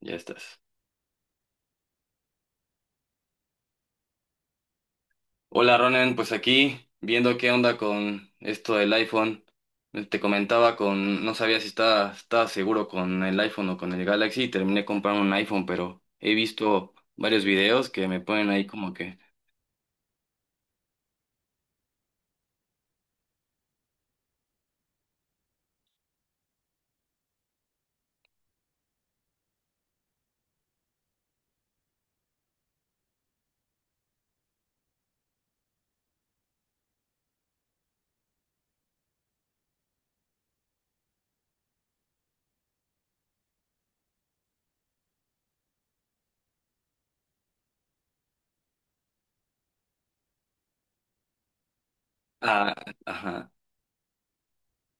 Ya estás. Hola Ronen, pues aquí viendo qué onda con esto del iPhone. Te comentaba con, no sabía si estaba seguro con el iPhone o con el Galaxy y terminé comprando un iPhone, pero he visto varios videos que me ponen ahí como que, ah, ajá.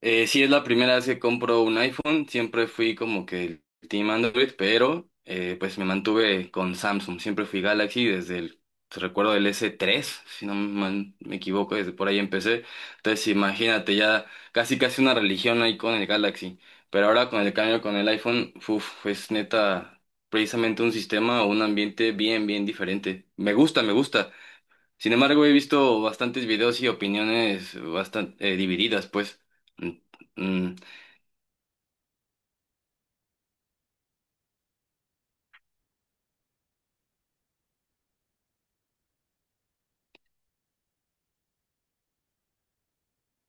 Sí, es la primera vez que compro un iPhone. Siempre fui como que el team Android, pero pues me mantuve con Samsung. Siempre fui Galaxy desde el, recuerdo del S3, si no mal me equivoco, desde por ahí empecé. Entonces imagínate, ya casi casi una religión ahí con el Galaxy. Pero ahora con el cambio con el iPhone, uf, es neta precisamente un sistema o un ambiente bien, bien diferente. Me gusta, me gusta. Sin embargo, he visto bastantes videos y opiniones bastante divididas, pues. Mm, mm.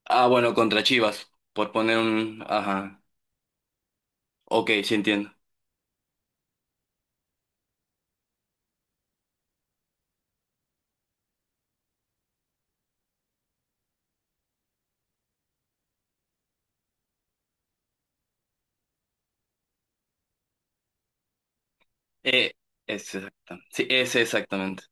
Ah, bueno, contra Chivas, por poner un... ajá. Ok, sí entiendo. Eh, es exacta- sí, ese exactamente.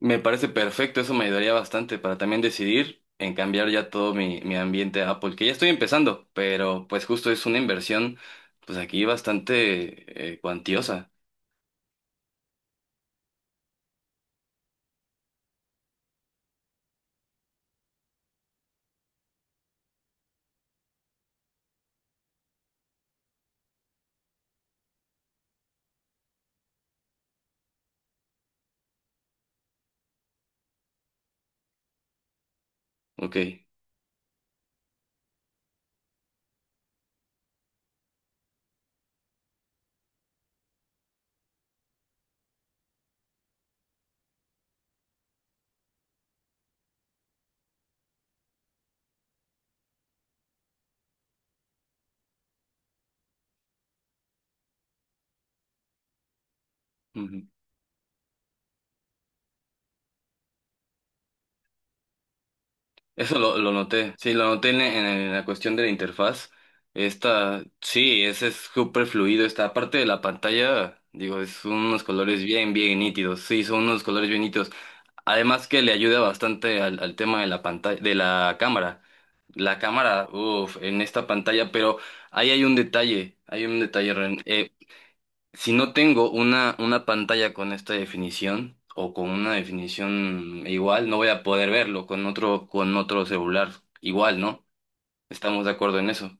Me parece perfecto, eso me ayudaría bastante para también decidir en cambiar ya todo mi ambiente a Apple, que ya estoy empezando, pero pues justo es una inversión, pues aquí bastante cuantiosa. Ok. Eso lo noté, sí, lo noté en la cuestión de la interfaz. Esta, sí, ese es súper fluido. Esta parte de la pantalla, digo, es unos colores bien, bien nítidos. Sí, son unos colores bien nítidos. Además que le ayuda bastante al, al tema de la pantalla, de la cámara. La cámara, uff, en esta pantalla, pero ahí hay un detalle, Ren. Si no tengo una pantalla con esta definición o con una definición igual, no voy a poder verlo con otro celular igual, ¿no? Estamos de acuerdo en eso.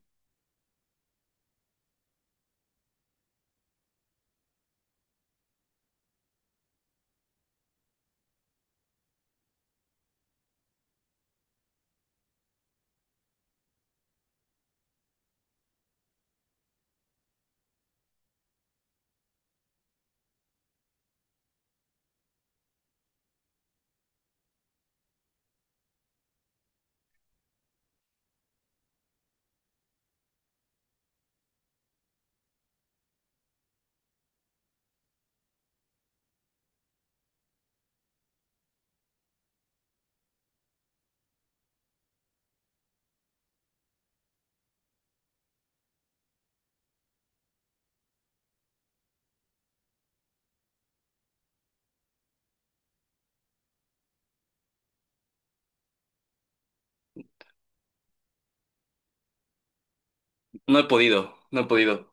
No he podido, no he podido.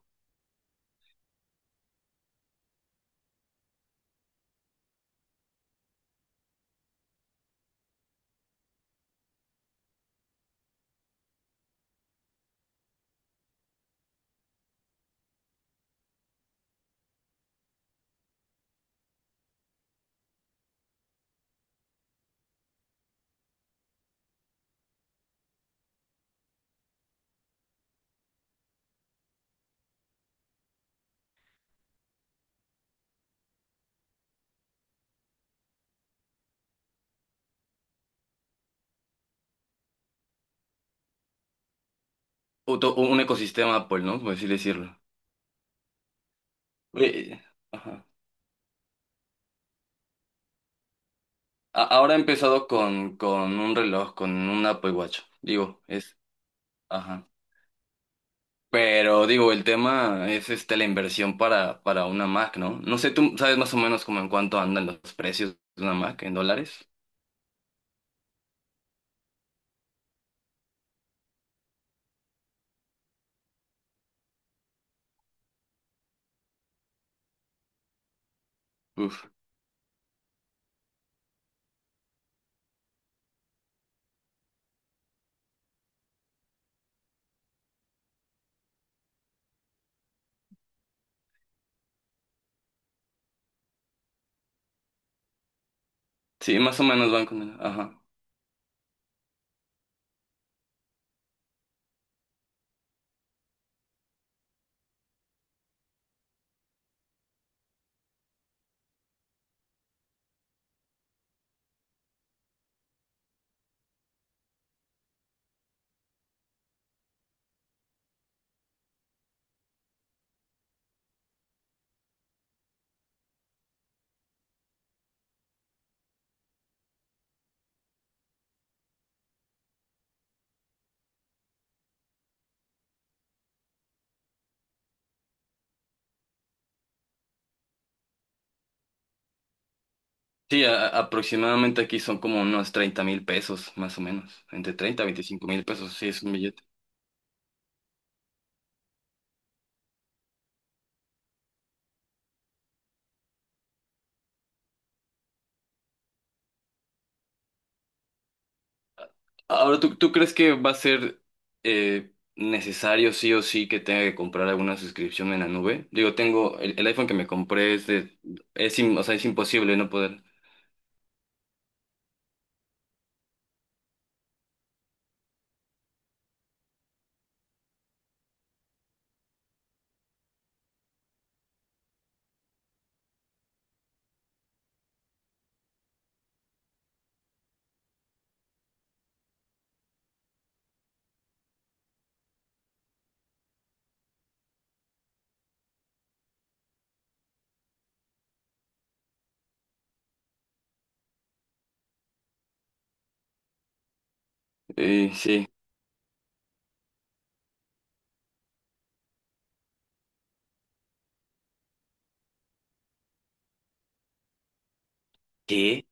Otro- un ecosistema Apple, ¿no? Por así decirlo. Eh, ajá. A- ahora he empezado con un reloj, con un Apple Watch. Digo, es, ajá. Pero digo, el tema es este, la inversión para una Mac, ¿no? No sé, tú sabes más o menos como en cuánto andan los precios de una Mac en dólares. Uf. Sí, más o menos van con el... ajá. Sí, a- aproximadamente aquí son como unos 30 mil pesos, más o menos. Entre 30 a 25 mil pesos, sí, es un billete. Ahora, ¿tú, tú crees que va a ser necesario sí o sí que tenga que comprar alguna suscripción en la nube? Digo, tengo el iPhone que me compré, es de... Es, im- o sea, es imposible no poder. Sí. ¿Qué?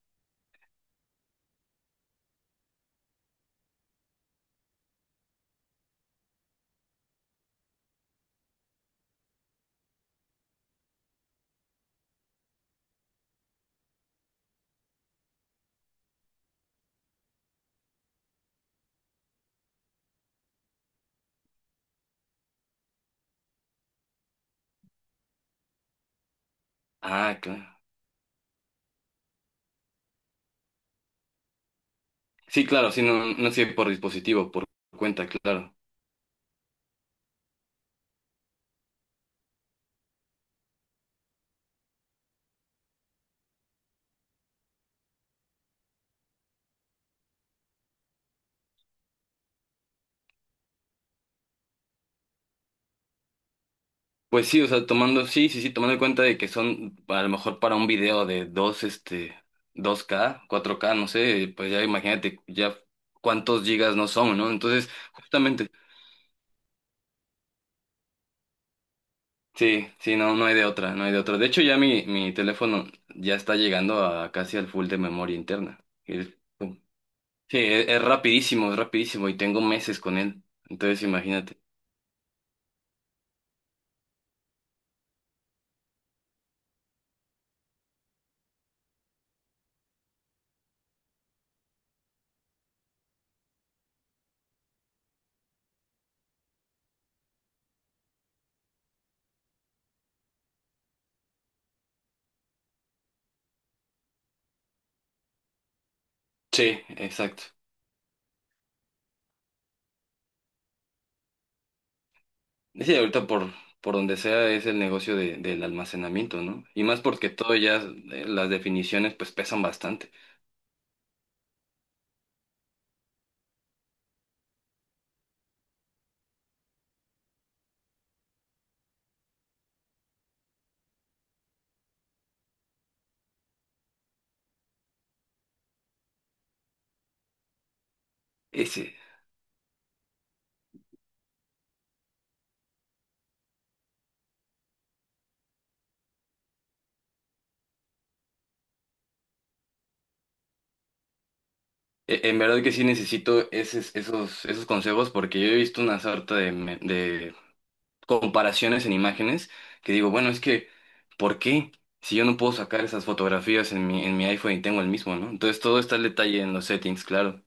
Ah, claro. Sí, claro, sí, no, no sirve por dispositivo, por cuenta, claro. Pues sí, o sea, tomando, sí, sí, sí, tomando en cuenta de que son a lo mejor para un video de dos, este, dos k cuatro k no sé, pues ya imagínate ya cuántos gigas no son, ¿no? Entonces, justamente, sí, sí, no, no hay de otra, no hay de otra. De hecho, ya mi teléfono ya está llegando a casi al full de memoria interna. Y es- sí, es rapidísimo y tengo meses con él. Entonces, imagínate. Sí, exacto. Sí, ahorita por donde sea es el negocio de, del almacenamiento, ¿no? Y más porque todo ya, las definiciones pues pesan bastante. Ese, e- en verdad que sí necesito esos, esos, esos consejos porque yo he visto una sarta de, me- de comparaciones en imágenes que digo, bueno, es que, ¿por qué? Si yo no puedo sacar esas fotografías en mi iPhone y tengo el mismo, ¿no? Entonces todo está el detalle en los settings, claro.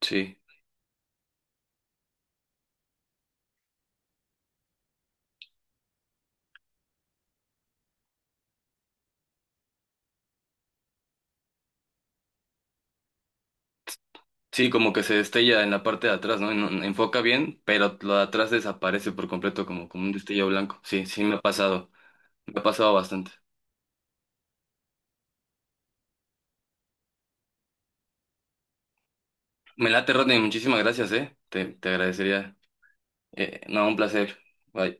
Sí. Sí, como que se destella en la parte de atrás, ¿no? En- enfoca bien, pero lo de atrás desaparece por completo, como, como un destello blanco. Sí, sí, me ha pasado. Me ha pasado bastante. Me late, Rodney. Muchísimas gracias, ¿eh? Te agradecería. No, un placer. Bye.